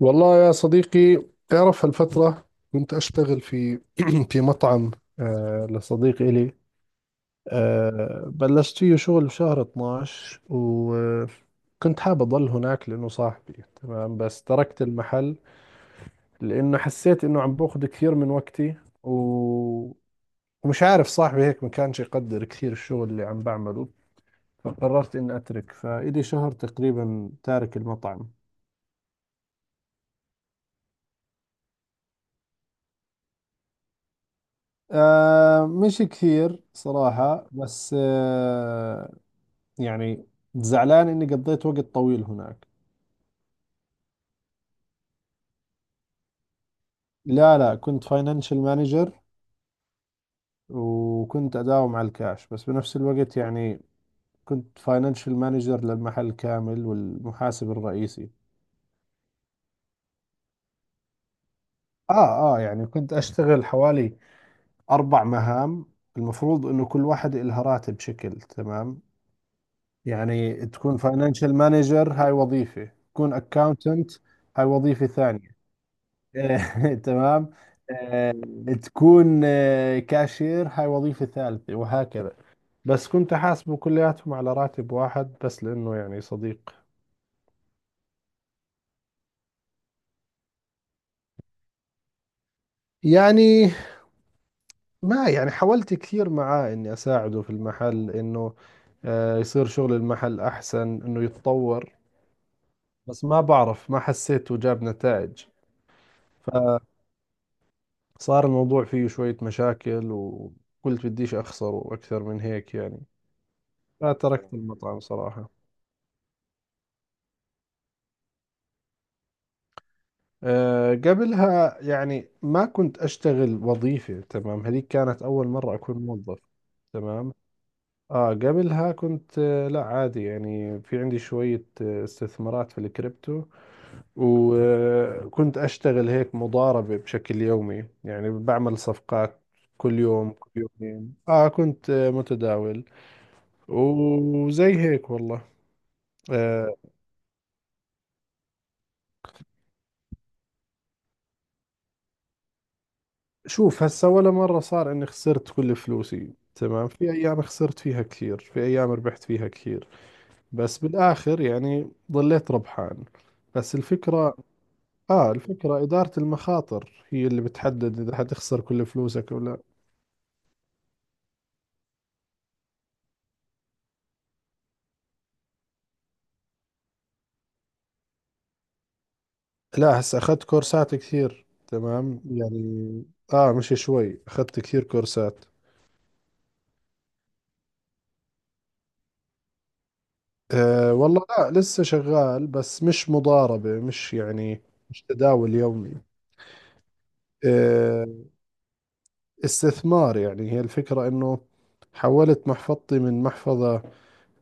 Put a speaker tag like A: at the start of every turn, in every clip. A: والله يا صديقي، تعرف هالفترة كنت أشتغل في في مطعم، لصديق إلي. بلشت فيه شغل في شهر 12، وكنت حاب أضل هناك لأنه صاحبي تمام، بس تركت المحل لأنه حسيت إنه عم باخذ كثير من وقتي و... ومش عارف، صاحبي هيك ما كانش يقدر كثير الشغل اللي عم بعمله، فقررت إني أترك. فإلي شهر تقريبا تارك المطعم. آه، مش كثير صراحة، بس يعني زعلان إني قضيت وقت طويل هناك. لا، لا، كنت فاينانشال مانجر. وكنت أداوم على الكاش، بس بنفس الوقت يعني كنت فاينانشال مانجر للمحل كامل، والمحاسب الرئيسي. آه، آه، يعني كنت أشتغل حوالي أربع مهام، المفروض إنه كل واحد إلها راتب شكل، تمام. يعني تكون فاينانشال مانجر، هاي وظيفة، تكون أكاونتنت، هاي وظيفة ثانية. تمام. آه، تكون كاشير، هاي وظيفة ثالثة، وهكذا. بس كنت أحاسبه كلياتهم على راتب واحد، بس لأنه يعني صديق. يعني ما يعني حاولت كثير معاه إني أساعده في المحل، إنه يصير شغل المحل أحسن، إنه يتطور. بس ما بعرف، ما حسيته جاب نتائج. فصار الموضوع فيه شوية مشاكل، وقلت بديش أخسره أكثر من هيك يعني. فتركت المطعم صراحة. آه، قبلها يعني ما كنت أشتغل وظيفة، تمام. هذيك كانت أول مرة أكون موظف، تمام. قبلها كنت لا عادي يعني، في عندي شوية استثمارات في الكريبتو. وكنت أشتغل هيك مضاربة بشكل يومي، يعني بعمل صفقات كل يوم، كل يومين. كنت متداول، وزي هيك والله. آه، شوف، هسا ولا مرة صار اني خسرت كل فلوسي، تمام. في ايام خسرت فيها كثير، في ايام ربحت فيها كثير، بس بالاخر يعني ضليت ربحان. بس الفكرة، اه الفكرة ادارة المخاطر، هي اللي بتحدد اذا حتخسر كل فلوسك ولا لا. هسا اخذت كورسات كثير، تمام يعني. اه مش شوي، اخذت كثير كورسات. آه، والله لا، لسه شغال، بس مش مضاربة، مش يعني، مش تداول يومي. آه، استثمار. يعني هي الفكرة انه حولت محفظتي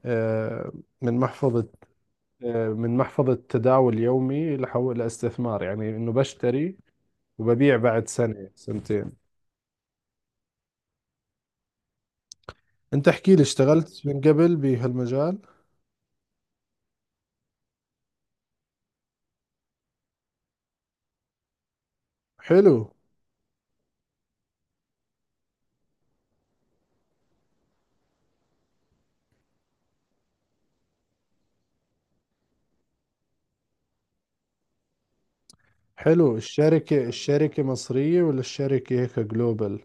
A: آه، من محفظة من محفظة تداول يومي لحول لاستثمار. يعني انه بشتري وببيع بعد سنة، سنتين. انت احكي لي، اشتغلت من قبل بهالمجال؟ حلو، حلو. الشركة مصرية ولا الشركة هيك جلوبال؟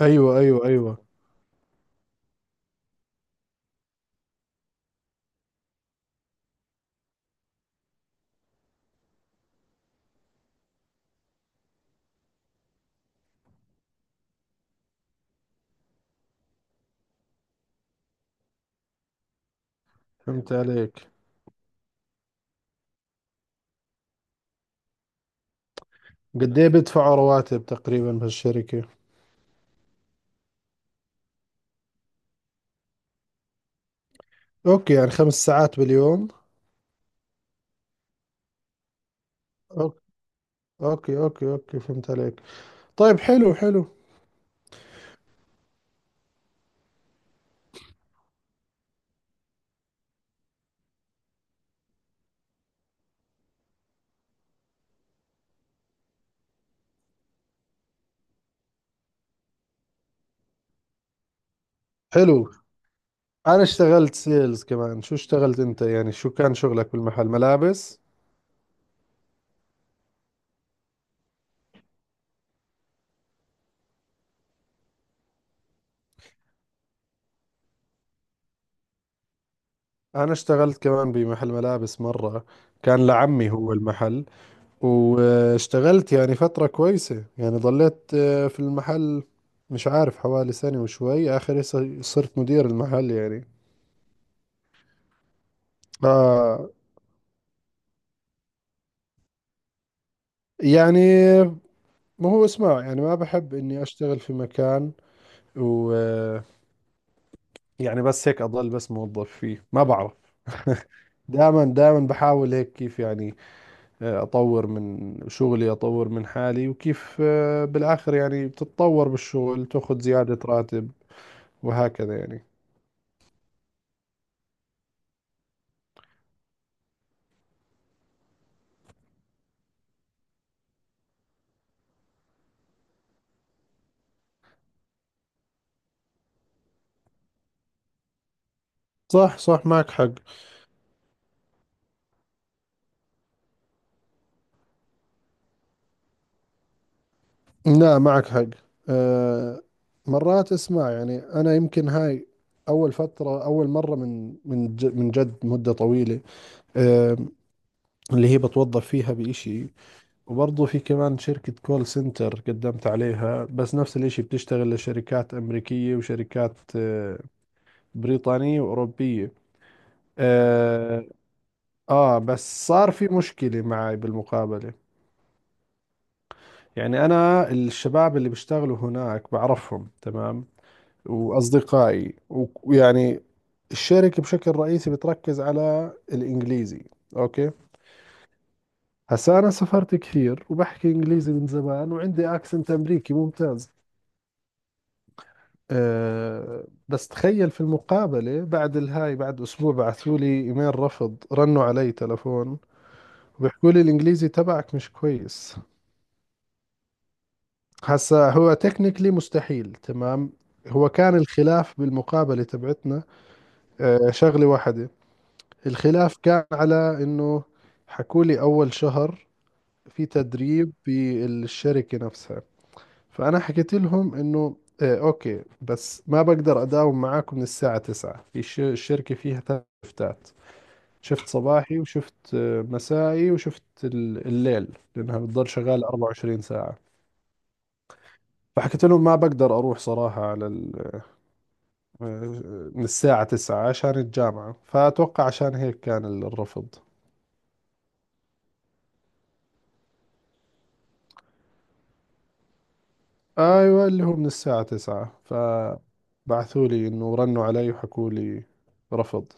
A: ايوه، ايوه، ايوه، فهمت عليك. قد ايه بيدفعوا رواتب تقريبا بهالشركة؟ اوكي، يعني خمس ساعات باليوم. اوكي، اوكي، اوكي، فهمت عليك. طيب، حلو، حلو، حلو. انا اشتغلت سيلز كمان، شو اشتغلت انت يعني، شو كان شغلك بالمحل، ملابس؟ انا اشتغلت كمان بمحل ملابس مرة، كان لعمي هو المحل. واشتغلت يعني فترة كويسة، يعني ضليت في المحل مش عارف حوالي سنة وشوي. اخر إشي صرت مدير المحل يعني. آه. يعني ما هو اسمع، يعني ما بحب اني اشتغل في مكان و يعني بس هيك أضل بس موظف فيه، ما بعرف. دائما دائما بحاول هيك، كيف يعني، أطور من شغلي، أطور من حالي، وكيف بالآخر يعني بتتطور بالشغل، تأخذ زيادة راتب وهكذا يعني. صح، صح، معك حق. لا، معك حق. أه، مرات اسمع يعني، أنا يمكن هاي أول فترة، أول مرة من جد مدة طويلة. أه، اللي هي بتوظف فيها بإشي. وبرضه في كمان شركة كول سنتر قدمت عليها، بس نفس الاشي، بتشتغل لشركات أمريكية، وشركات بريطانية وأوروبية. آه، آه، بس صار في مشكلة معي بالمقابلة. يعني أنا الشباب اللي بيشتغلوا هناك بعرفهم، تمام، وأصدقائي، و- ويعني الشركة بشكل رئيسي بتركز على الإنجليزي، أوكي؟ هسا أنا سافرت كثير، وبحكي إنجليزي من زمان، وعندي أكسنت أمريكي ممتاز. أه، بس تخيل في المقابلة بعد الهاي، بعد أسبوع، بعثوا لي إيميل رفض، رنوا علي تلفون وبيحكوا لي الإنجليزي تبعك مش كويس. هسا هو تكنيكلي مستحيل، تمام. هو كان الخلاف بالمقابلة تبعتنا شغلة واحدة. الخلاف كان على إنه حكوا لي أول شهر في تدريب بالشركة نفسها. فأنا حكيت لهم إنه إيه أوكي، بس ما بقدر أداوم معاكم من الساعة 9. في الشركة فيها ثلاث شفتات، شفت صباحي، وشفت مسائي، وشفت الليل، لأنها بتضل شغالة 24 ساعة. فحكيت لهم ما بقدر أروح صراحة على ال... آه، من الساعة 9 عشان الجامعة. فأتوقع عشان هيك كان الرفض. أيوة، اللي هو من الساعة 9، فبعثوا لي إنه، رنوا علي وحكوا لي رفض.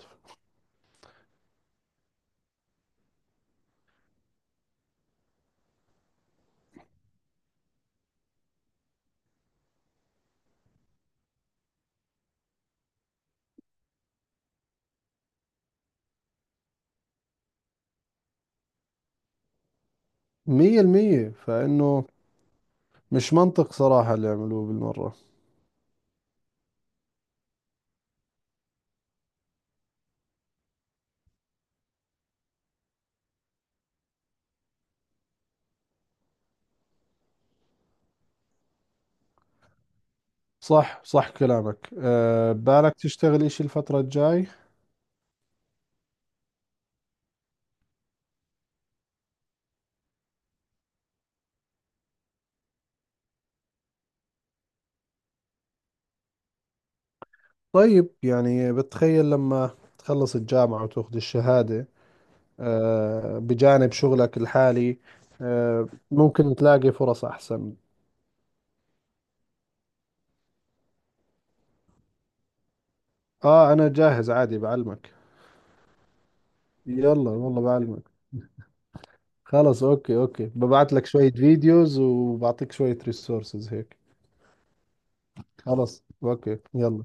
A: مية المية، فإنه مش منطق صراحة اللي عملوه بالمرة. صح، صح، كلامك. بالك تشتغل إشي الفترة الجاي؟ طيب، يعني بتخيل لما تخلص الجامعة وتاخذ الشهادة، بجانب شغلك الحالي ممكن تلاقي فرص أحسن. آه، أنا جاهز عادي، بعلمك. يلا والله، بعلمك. خلص، أوكي، أوكي، ببعت لك شوية فيديوز، وبعطيك شوية ريسورسز هيك. خلص، أوكي، يلا.